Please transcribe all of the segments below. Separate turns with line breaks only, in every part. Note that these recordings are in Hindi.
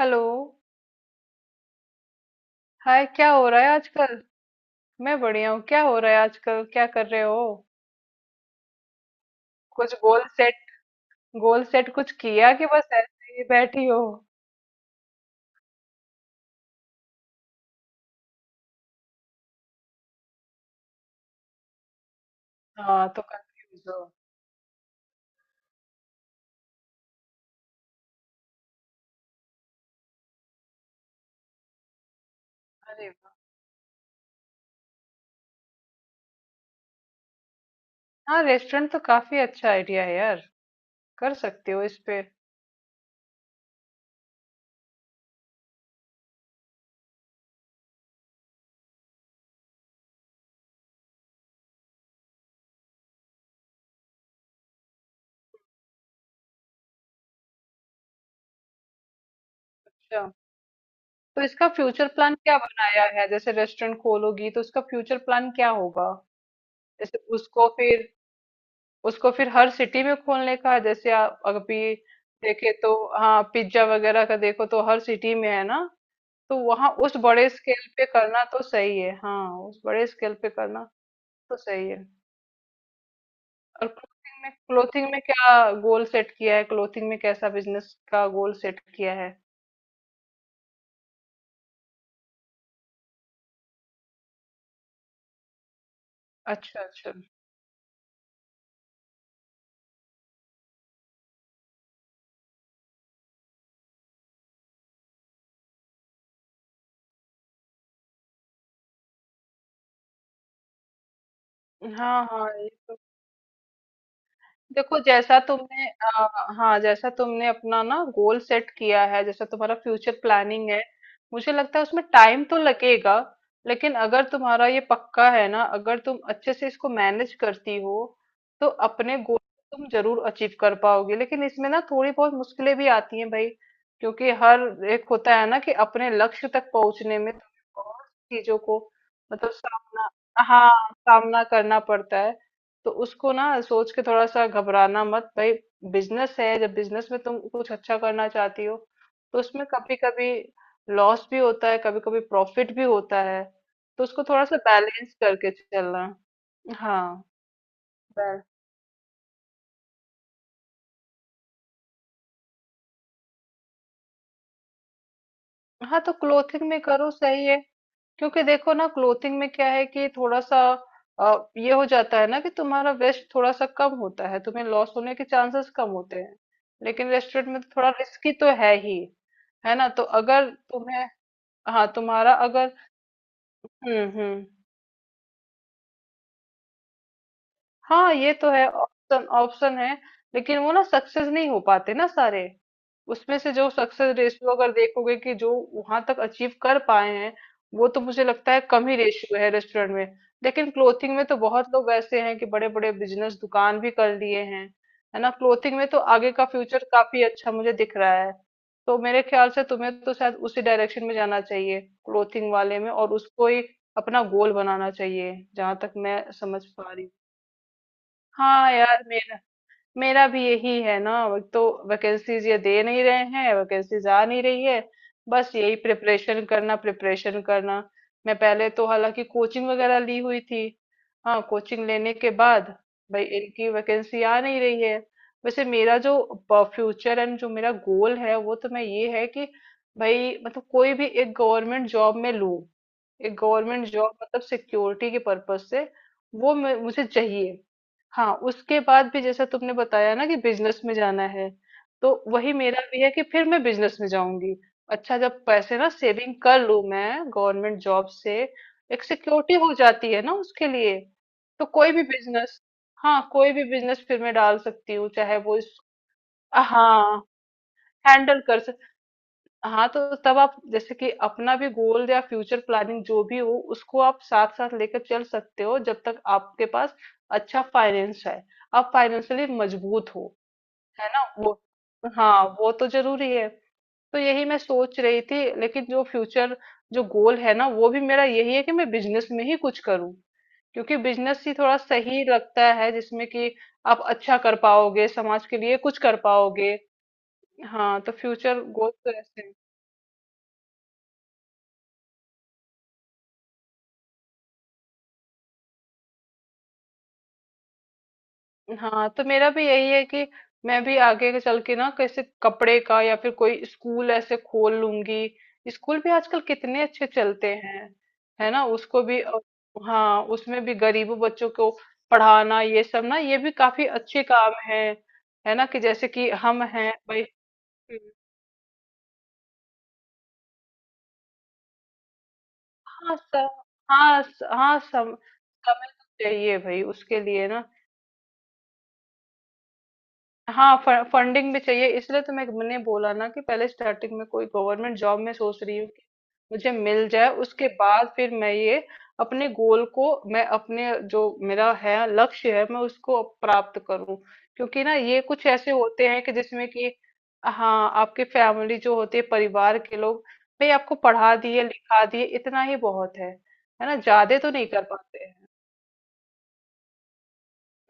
हेलो। हाय, क्या हो रहा है आजकल। मैं बढ़िया हूँ। क्या हो रहा है आजकल, क्या कर रहे हो। कुछ गोल सेट, गोल सेट कुछ किया कि बस ऐसे ही बैठी हो। हाँ तो कंफ्यूज हो। अरे वाह। हाँ, रेस्टोरेंट तो काफी अच्छा आइडिया है यार। कर सकते हो इस पे। अच्छा, तो इसका फ्यूचर प्लान क्या बनाया है, जैसे रेस्टोरेंट खोलोगी तो उसका फ्यूचर प्लान क्या होगा। जैसे उसको फिर हर सिटी में खोलने का है, जैसे आप अभी देखे तो। हाँ, पिज्जा वगैरह का देखो तो हर सिटी में है ना। तो वहां उस बड़े स्केल पे करना तो सही है। हाँ, उस बड़े स्केल पे करना तो सही है। और क्लोथिंग में, क्लोथिंग में क्या गोल सेट किया है। क्लोथिंग में कैसा बिजनेस का गोल सेट किया है। अच्छा अच्छा। हाँ हाँ ये तो। देखो जैसा तुमने हाँ जैसा तुमने अपना ना गोल सेट किया है, जैसा तुम्हारा फ्यूचर प्लानिंग है, मुझे लगता है उसमें टाइम तो लगेगा। लेकिन अगर तुम्हारा ये पक्का है ना, अगर तुम अच्छे से इसको मैनेज करती हो, तो अपने गोल तुम जरूर अचीव कर पाओगे। लेकिन इसमें ना थोड़ी बहुत मुश्किलें भी आती हैं भाई, क्योंकि हर एक होता है ना कि अपने लक्ष्य तक पहुंचने में तुम्हें बहुत चीजों को, मतलब सामना, हाँ सामना करना पड़ता है। तो उसको ना सोच के थोड़ा सा घबराना मत भाई। बिजनेस है, जब बिजनेस में तुम कुछ अच्छा करना चाहती हो तो उसमें कभी कभी लॉस भी होता है, कभी कभी प्रॉफिट भी होता है। तो उसको थोड़ा सा बैलेंस करके चलना। हाँ। बै- हाँ, तो क्लोथिंग में करो, सही है। क्योंकि देखो ना, क्लोथिंग में क्या है कि थोड़ा सा ये हो जाता है ना कि तुम्हारा वेस्ट थोड़ा सा कम होता है, तुम्हें लॉस होने के चांसेस कम होते हैं। लेकिन रेस्टोरेंट में तो थोड़ा रिस्की तो है ही। है ना, तो अगर तुम्हें, हाँ, तुम्हारा अगर, हुँ, हुँ। हाँ ये तो है, ऑप्शन ऑप्शन है। लेकिन वो ना सक्सेस नहीं हो पाते ना सारे। उसमें से जो सक्सेस रेशियो अगर देखोगे कि जो वहां तक अचीव कर पाए हैं, वो तो मुझे लगता है कम ही रेशियो है रेस्टोरेंट में। लेकिन क्लोथिंग में तो बहुत लोग ऐसे हैं कि बड़े बड़े बिजनेस दुकान भी कर लिए हैं। है ना, क्लोथिंग में तो आगे का फ्यूचर काफी अच्छा मुझे दिख रहा है। तो मेरे ख्याल से तुम्हें तो शायद उसी डायरेक्शन में जाना चाहिए, क्लोथिंग वाले में, और उसको ही अपना गोल बनाना चाहिए, जहां तक मैं समझ पा रही हूँ। हाँ यार, मेरा मेरा भी यही है ना, अब तो वैकेंसीज ये दे नहीं रहे हैं, वैकेंसीज आ नहीं रही है। बस यही प्रिपरेशन करना, प्रिपरेशन करना। मैं पहले तो हालांकि कोचिंग वगैरह ली हुई थी। हाँ, कोचिंग लेने के बाद भाई इनकी वैकेंसी आ नहीं रही है। वैसे मेरा जो फ्यूचर एंड जो मेरा गोल है वो तो मैं, ये है कि भाई मतलब कोई भी एक गवर्नमेंट जॉब में लूँ। एक गवर्नमेंट जॉब मतलब सिक्योरिटी के पर्पज से, वो मुझे चाहिए। हाँ, उसके बाद भी जैसा तुमने बताया ना कि बिजनेस में जाना है, तो वही मेरा भी है कि फिर मैं बिजनेस में जाऊंगी। अच्छा, जब पैसे ना सेविंग कर लूं मैं गवर्नमेंट जॉब से, एक सिक्योरिटी हो जाती है ना उसके लिए, तो कोई भी बिजनेस, हाँ कोई भी बिजनेस फिर मैं डाल सकती हूँ, चाहे वो हाँ हैंडल कर। हाँ तो तब आप जैसे कि अपना भी गोल या फ्यूचर प्लानिंग जो भी हो, उसको आप साथ साथ लेकर चल सकते हो, जब तक आपके पास अच्छा फाइनेंस है, आप फाइनेंशियली मजबूत हो। है ना वो। हाँ, वो तो जरूरी है। तो यही मैं सोच रही थी। लेकिन जो फ्यूचर, जो गोल है ना, वो भी मेरा यही है कि मैं बिजनेस में ही कुछ करूँ, क्योंकि बिजनेस ही थोड़ा सही लगता है जिसमें कि आप अच्छा कर पाओगे, समाज के लिए कुछ कर पाओगे। हाँ, तो फ्यूचर गोल तो ऐसे। हाँ तो मेरा भी यही है कि मैं भी आगे के चल के ना, कैसे कपड़े का या फिर कोई स्कूल ऐसे खोल लूंगी। स्कूल भी आजकल कितने अच्छे चलते हैं। है ना, उसको भी हाँ उसमें भी गरीबों बच्चों को पढ़ाना, ये सब ना, ये भी काफी अच्छे काम है। है ना, कि जैसे कि हम हैं भाई। हम्म। हाँ सब। हाँ सब समय तो चाहिए भाई उसके लिए ना। हाँ, फ फंडिंग भी चाहिए, इसलिए तो मैंने बोला ना कि पहले स्टार्टिंग में कोई गवर्नमेंट जॉब में सोच रही हूँ कि मुझे मिल जाए, उसके बाद फिर मैं ये अपने गोल को, मैं अपने जो मेरा है लक्ष्य है मैं उसको प्राप्त करूँ। क्योंकि ना ये कुछ ऐसे होते हैं कि जिसमें कि, हाँ आपकी फैमिली जो होती है, परिवार के लोग भाई आपको पढ़ा दिए लिखा दिए इतना ही बहुत है। है ना, ज्यादा तो नहीं कर पाते हैं।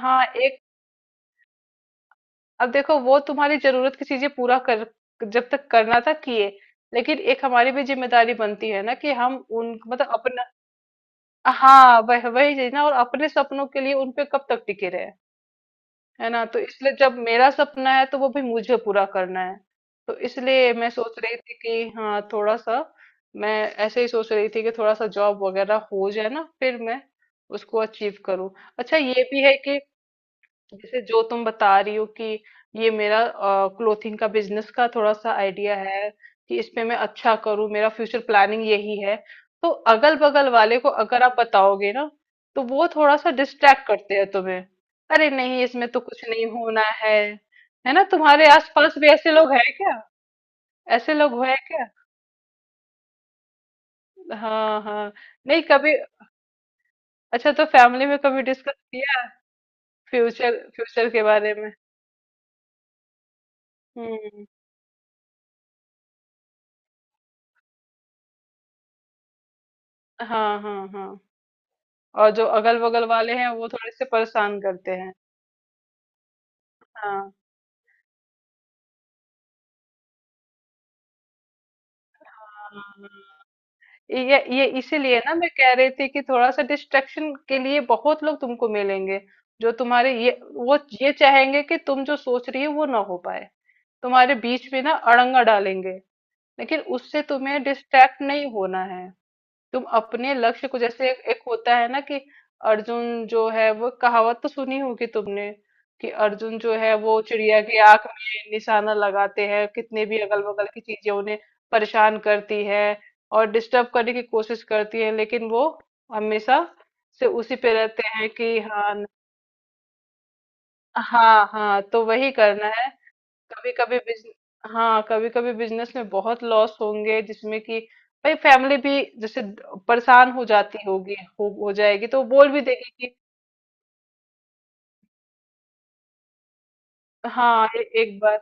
हाँ एक, अब देखो वो तुम्हारी जरूरत की चीजें पूरा कर, जब तक करना था किए, लेकिन एक हमारी भी जिम्मेदारी बनती है ना कि हम उन, मतलब अपना, हाँ वह वही चीज ना, और अपने सपनों के लिए उन पे कब तक टिके रहे। है ना, तो इसलिए जब मेरा सपना है तो वो भी मुझे पूरा करना है। तो इसलिए मैं सोच रही थी कि हाँ थोड़ा सा मैं ऐसे ही सोच रही थी कि थोड़ा सा जॉब वगैरह हो जाए ना, फिर मैं उसको अचीव करूँ। अच्छा ये भी है कि जैसे जो तुम बता रही हो कि ये मेरा क्लोथिंग का बिजनेस का थोड़ा सा आइडिया है कि इसमें मैं अच्छा करूं, मेरा फ्यूचर प्लानिंग यही है, तो अगल बगल वाले को अगर आप बताओगे ना, तो वो थोड़ा सा डिस्ट्रैक्ट करते हैं तुम्हें। अरे नहीं, इसमें तो कुछ नहीं होना है। है ना, तुम्हारे आसपास भी ऐसे लोग हैं क्या, ऐसे लोग हैं क्या। हाँ हाँ। नहीं, कभी, अच्छा तो फैमिली में कभी डिस्कस किया फ्यूचर, फ्यूचर के बारे में। हम्म। हाँ हाँ हाँ। और जो अगल बगल वाले हैं वो थोड़े से परेशान करते हैं। हाँ। हाँ। ये इसीलिए ना मैं कह रही थी कि थोड़ा सा डिस्ट्रक्शन के लिए बहुत लोग तुमको मिलेंगे, जो तुम्हारे ये, वो, ये चाहेंगे कि तुम जो सोच रही हो वो ना हो पाए, तुम्हारे बीच में ना अड़ंगा डालेंगे। लेकिन उससे तुम्हें डिस्ट्रैक्ट नहीं होना है। तुम अपने लक्ष्य को, जैसे एक होता है ना कि अर्जुन जो है, वो कहावत तो सुनी होगी तुमने कि अर्जुन जो है वो चिड़िया की आंख में निशाना लगाते हैं, कितने भी अगल बगल की चीजें उन्हें परेशान करती है और डिस्टर्ब करने की कोशिश करती है, लेकिन वो हमेशा से उसी पे रहते हैं कि हाँ। हाँ हाँ, तो वही करना है। कभी कभी बिजन हाँ, कभी कभी बिजनेस में बहुत लॉस होंगे, जिसमें कि भाई फैमिली भी जैसे परेशान हो जाती होगी। हो जाएगी तो वो बोल भी देगी कि, हाँ एक बार,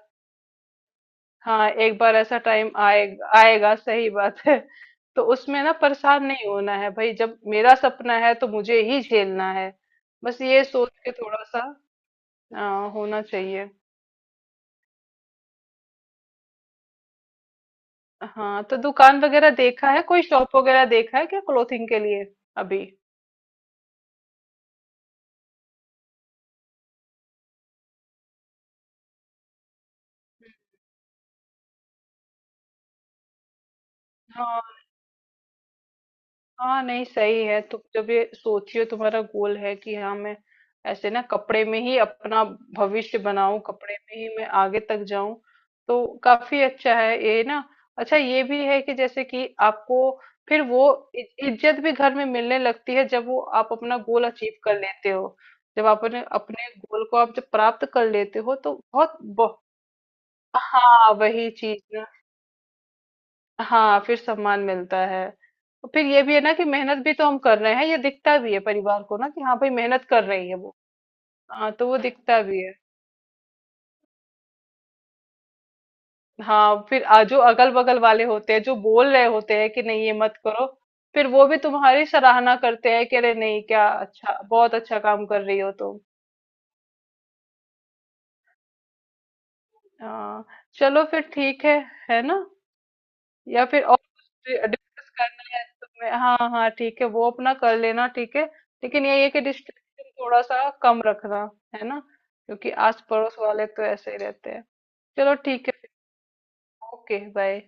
हाँ एक बार ऐसा टाइम आएगा आएगा, सही बात है। तो उसमें ना परेशान नहीं होना है भाई, जब मेरा सपना है तो मुझे ही झेलना है। बस ये सोच के थोड़ा सा होना चाहिए। हाँ तो दुकान वगैरह देखा है, कोई शॉप वगैरह देखा है क्या क्लोथिंग के लिए अभी। हाँ नहीं, सही है। तुम जब ये सोचियो तुम्हारा गोल है कि हाँ मैं ऐसे ना कपड़े में ही अपना भविष्य बनाऊं, कपड़े में ही मैं आगे तक जाऊं, तो काफी अच्छा है ये ना। अच्छा ये भी है कि जैसे कि आपको फिर वो इज्जत भी घर में मिलने लगती है जब वो आप अपना गोल अचीव कर लेते हो। जब आप अपने अपने गोल को आप जब प्राप्त कर लेते हो तो बहुत, बहुत, हाँ वही चीज। हाँ, फिर सम्मान मिलता है। और फिर ये भी है ना कि मेहनत भी तो हम कर रहे हैं, ये दिखता भी है परिवार को ना कि हाँ भाई मेहनत कर रही है वो। हाँ, तो वो दिखता भी है। हाँ फिर जो अगल बगल वाले होते हैं जो बोल रहे होते हैं कि नहीं ये मत करो, फिर वो भी तुम्हारी सराहना करते हैं कि अरे नहीं, क्या अच्छा, बहुत अच्छा काम कर रही हो तुम। हाँ। चलो फिर ठीक है। है ना, या फिर और कुछ डिस्कस करना है तुम्हें। हाँ हाँ ठीक है, वो अपना कर लेना ठीक है। लेकिन यही है कि डिस्ट्रक्शन थोड़ा सा कम रखना। है ना, क्योंकि आस पड़ोस वाले तो ऐसे ही रहते हैं। चलो ठीक है। Okay bye.